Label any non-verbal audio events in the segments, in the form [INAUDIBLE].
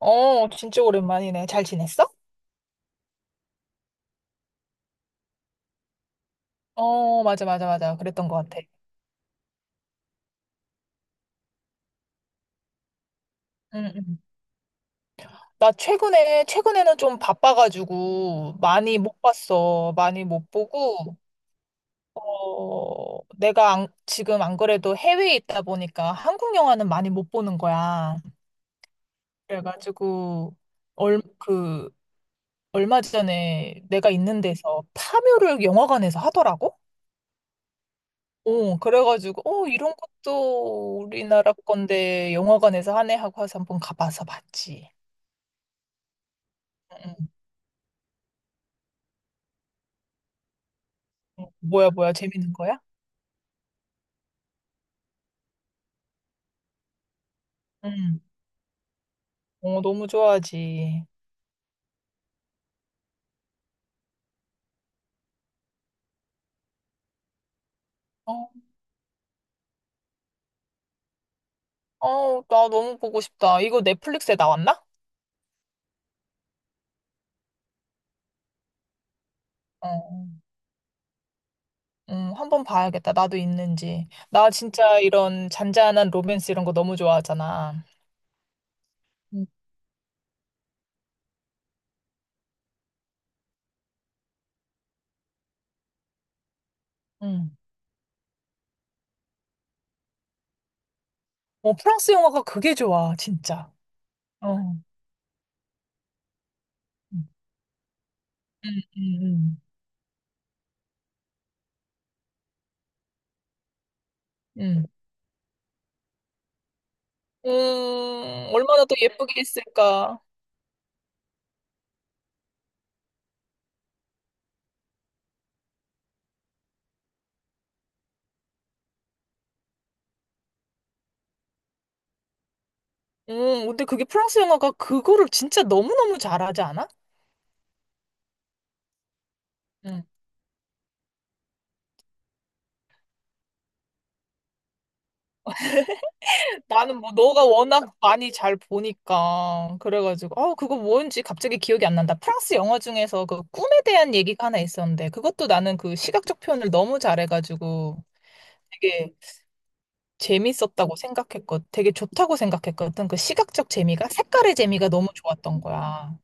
어, 진짜 오랜만이네. 잘 지냈어? 어, 맞아, 맞아, 맞아. 그랬던 것 같아. 응, 응. 나 최근에는 좀 바빠가지고 많이 못 봤어. 많이 못 보고, 내가 안- 지금 안 그래도 해외에 있다 보니까 한국 영화는 많이 못 보는 거야. 그래가지고, 얼, 그, 얼마 전에 내가 있는 데서 파묘를 영화관에서 하더라고? 그래가지고, 이런 것도 우리나라 건데 영화관에서 하네 하고 해서 한번 가봐서 봤지. 응, 응. 어, 뭐야, 뭐야, 재밌는 거야? 응. 어, 너무 좋아하지. 어, 어, 나 너무 보고 싶다. 이거 넷플릭스에 나왔나? 어, 응, 한번 봐야겠다. 나도 있는지. 나 진짜 이런 잔잔한 로맨스 이런 거 너무 좋아하잖아. 응, 응. 어, 프랑스 영화가 그게 좋아, 진짜. 어, 응, 응, 응. 응. 음, 얼마나 더 예쁘게 했을까. 근데 그게 프랑스 영화가 그거를 진짜 너무너무 잘하지 않아? 음. 나는 뭐 너가 워낙 많이 잘 보니까 그래가지고 아 그거 뭔지 갑자기 기억이 안 난다. 프랑스 영화 중에서 그 꿈에 대한 얘기가 하나 있었는데 그것도 나는 그 시각적 표현을 너무 잘해가지고 되게 되게 좋다고 생각했거든. 그 시각적 재미가 색깔의 재미가 너무 좋았던 거야.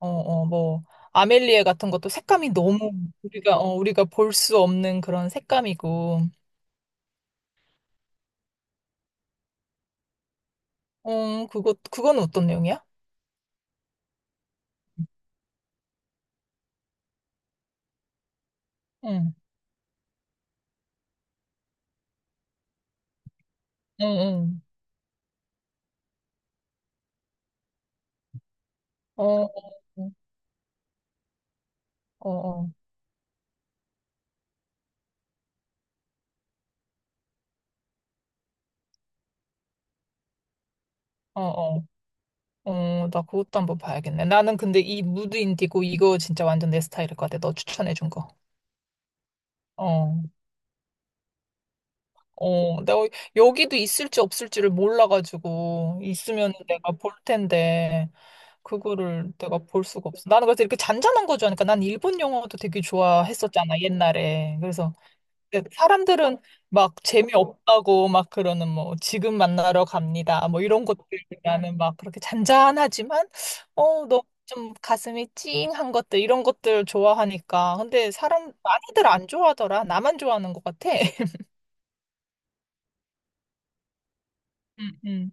어, 어, 뭐, 아멜리에 같은 것도 색감이 너무 우리가 볼 수 없는 그런 색감이고, 어, 그건 어떤 내용이야? 응, 응, 응. 어, 어, 어, 어, 어, 어, 어, 나 그것도 한번 봐야겠네. 나는 근데 이 무드 인디고 이거 진짜 완전 내 스타일일 것 같아. 너 추천해준 거. 어, 어, 내가 여기도 있을지 없을지를 몰라가지고, 있으면 내가 볼 텐데, 그거를 내가 볼 수가 없어. 나는 그래서 이렇게 잔잔한 거 좋아하니까 난 일본 영화도 되게 좋아했었잖아, 옛날에. 그래서 근데 사람들은 막 재미없다고 막 그러는 뭐 지금 만나러 갑니다. 뭐 이런 것들 나는 막 그렇게 잔잔하지만 너 좀 가슴이 찡한 것들 이런 것들 좋아하니까. 근데 사람 많이들 안 좋아하더라. 나만 좋아하는 것 같아. [LAUGHS] 음, 음.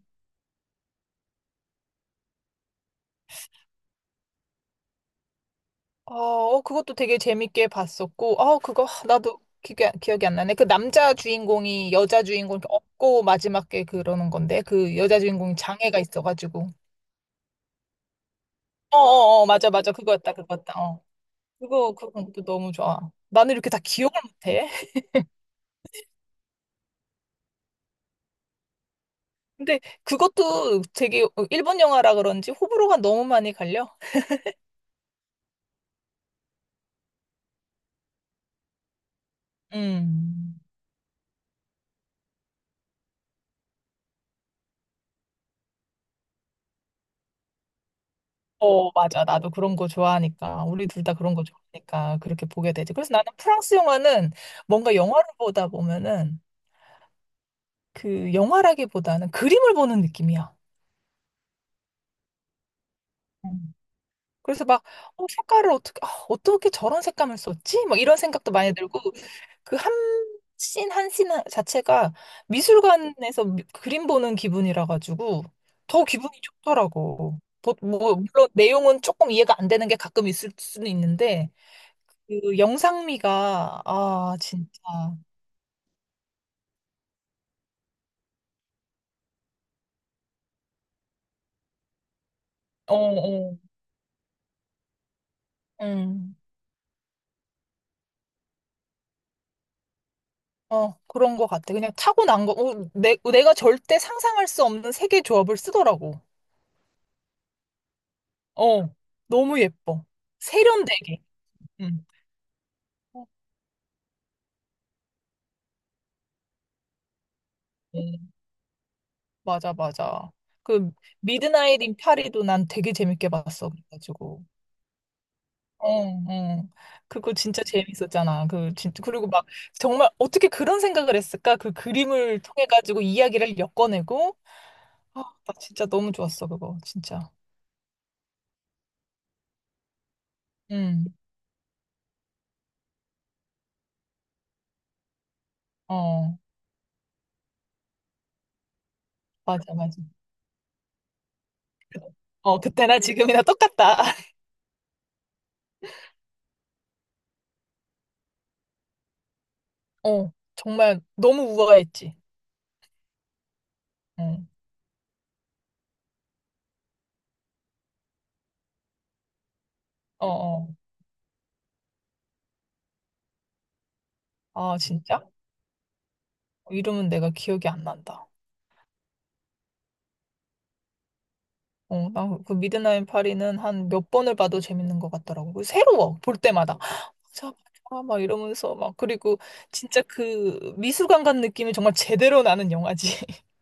어, 어, 그것도 되게 재밌게 봤었고, 그거, 나도 기 기억이 안 나네. 그 남자 주인공이 여자 주인공 이렇게 업고 마지막에 그러는 건데, 그 여자 주인공이 장애가 있어가지고. 어, 어, 어, 맞아, 맞아. 그거였다, 그거였다. 어. 그건 도 너무 좋아. 나는 이렇게 다 기억을 못해. [LAUGHS] 근데 그것도 되게 일본 영화라 그런지 호불호가 너무 많이 갈려. 음. 어, 맞아. 나도 그런 거 좋아하니까. 우리 둘 다 그런 거 좋아하니까 그렇게 보게 되지. 그래서 나는 프랑스 영화는 뭔가 영화를 보다 보면은 그 영화라기보다는 그림을 보는 느낌이야. 음. 그래서 막, 색깔을 어떻게 저런 색감을 썼지? 막 이런 생각도 많이 들고, 그 한 씬, 한 씬 자체가 미술관에서 그림 보는 기분이라 가지고 더 기분이 좋더라고. 뭐, 물론 내용은 조금 이해가 안 되는 게 가끔 있을 수는 있는데, 그 영상미가 아 진짜 어 어. 음. 어, 그런 것 같아. 그냥 타고난 거, 내가 절대 상상할 수 없는 세계 조합을 쓰더라고. 어, 너무 예뻐. 세련되게. 음. 어, 음, 맞아, 맞아. 그, 미드나잇 인 파리도 난 되게 재밌게 봤어. 그래가지고. 어, 어. 그거 진짜 재밌었잖아. 진짜. 그리고 막, 정말 어떻게 그런 생각을 했을까? 그 그림을 통해가지고 이야기를 엮어내고, 아, 나 진짜 너무 좋았어, 그거. 진짜. 응. 어, 맞아, 맞아. 어, 그때나 지금이나 똑같다. [LAUGHS] 어, 정말 너무 우아했지. 응. 어, 어. 아, 진짜? 이름은 내가 기억이 안 난다. 어, 나 그 미드나잇 파리는 한 몇 번을 봐도 재밌는 것 같더라고. 그 새로워, 볼 때마다. [GASPS] 맞아, 맞아, 막 이러면서 막. 그리고 진짜 그 미술관 간 느낌이 정말 제대로 나는 영화지. [LAUGHS]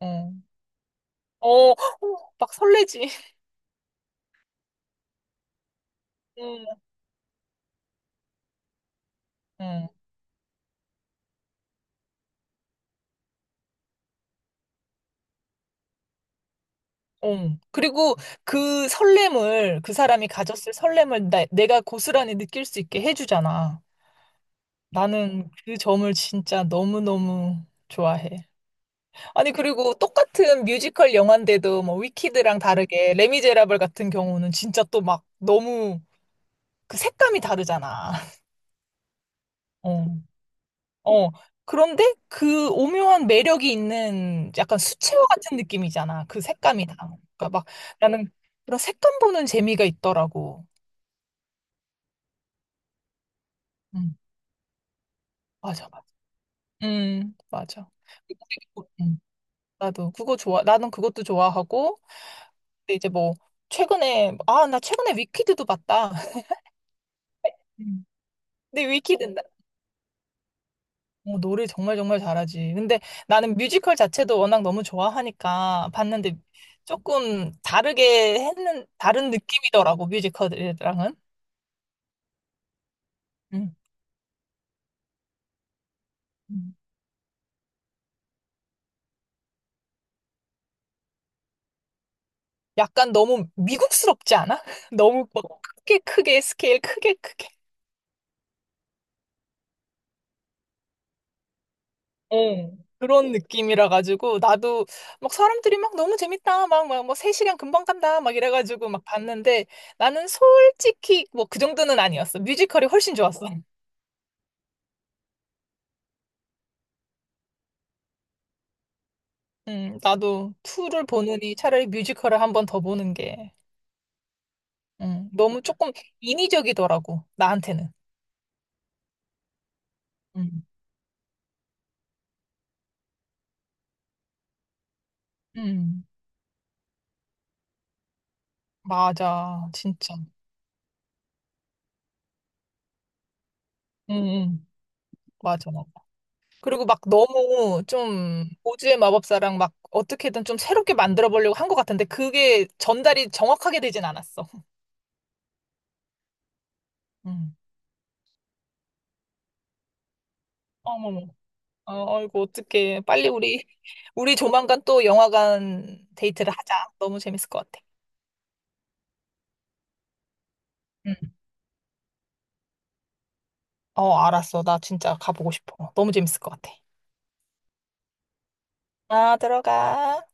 어. 어, [GASPS] 어, 막 설레지. [LAUGHS] 응, 응. 어. 그리고 그 설렘을, 그 사람이 가졌을 설렘을 내가 고스란히 느낄 수 있게 해주잖아. 나는 그 점을 진짜 너무너무 좋아해. 아니, 그리고 똑같은 뮤지컬 영화인데도 뭐 위키드랑 다르게 레미제라블 같은 경우는 진짜 또 막 너무 그 색감이 다르잖아. [LAUGHS] 어. 어. 그런데 그 오묘한 매력이 있는 약간 수채화 같은 느낌이잖아. 그 색감이 다. 그러니까 막 나는 그런 색감 보는 재미가 있더라고. 음. 맞아, 맞아. 맞아. 미국에- 음. 나도 그거 좋아. 나는 그것도 좋아하고, 근데 이제 뭐, 나 최근에 위키드도 봤다. [LAUGHS] 음. 근데 위키드, 노래 정말 정말 잘하지. 근데 나는 뮤지컬 자체도 워낙 너무 좋아하니까 봤는데 조금 다른 느낌이더라고, 뮤지컬이랑은. 음. 음. 약간 너무 미국스럽지 않아? [LAUGHS] 너무 막 크게 크게 스케일 크게 크게 어, 그런 느낌이라 가지고 나도 막 사람들이 막 너무 재밌다 막 뭐 3시간 금방 간다 막 이래 가지고 막 봤는데 나는 솔직히 뭐 그 정도는 아니었어. 뮤지컬이 훨씬 좋았어. 나도 투를 보느니 차라리 뮤지컬을 한번 더 보는 게 너무 조금 인위적이더라고 나한테는. 음, 음, 맞아, 진짜. 음, 음, 맞아. 그리고 막 너무 좀 오즈의 마법사랑 막 어떻게든 좀 새롭게 만들어 보려고 한 것 같은데 그게 전달이 정확하게 되진 않았어. 음. 어머머. 어, 아이고, 어떡해. 빨리 우리 조만간 또 영화관 데이트를 하자. 너무 재밌을 것 같아. 응. 어, 알았어. 나 진짜 가보고 싶어. 너무 재밌을 것 같아. 아, 들어가.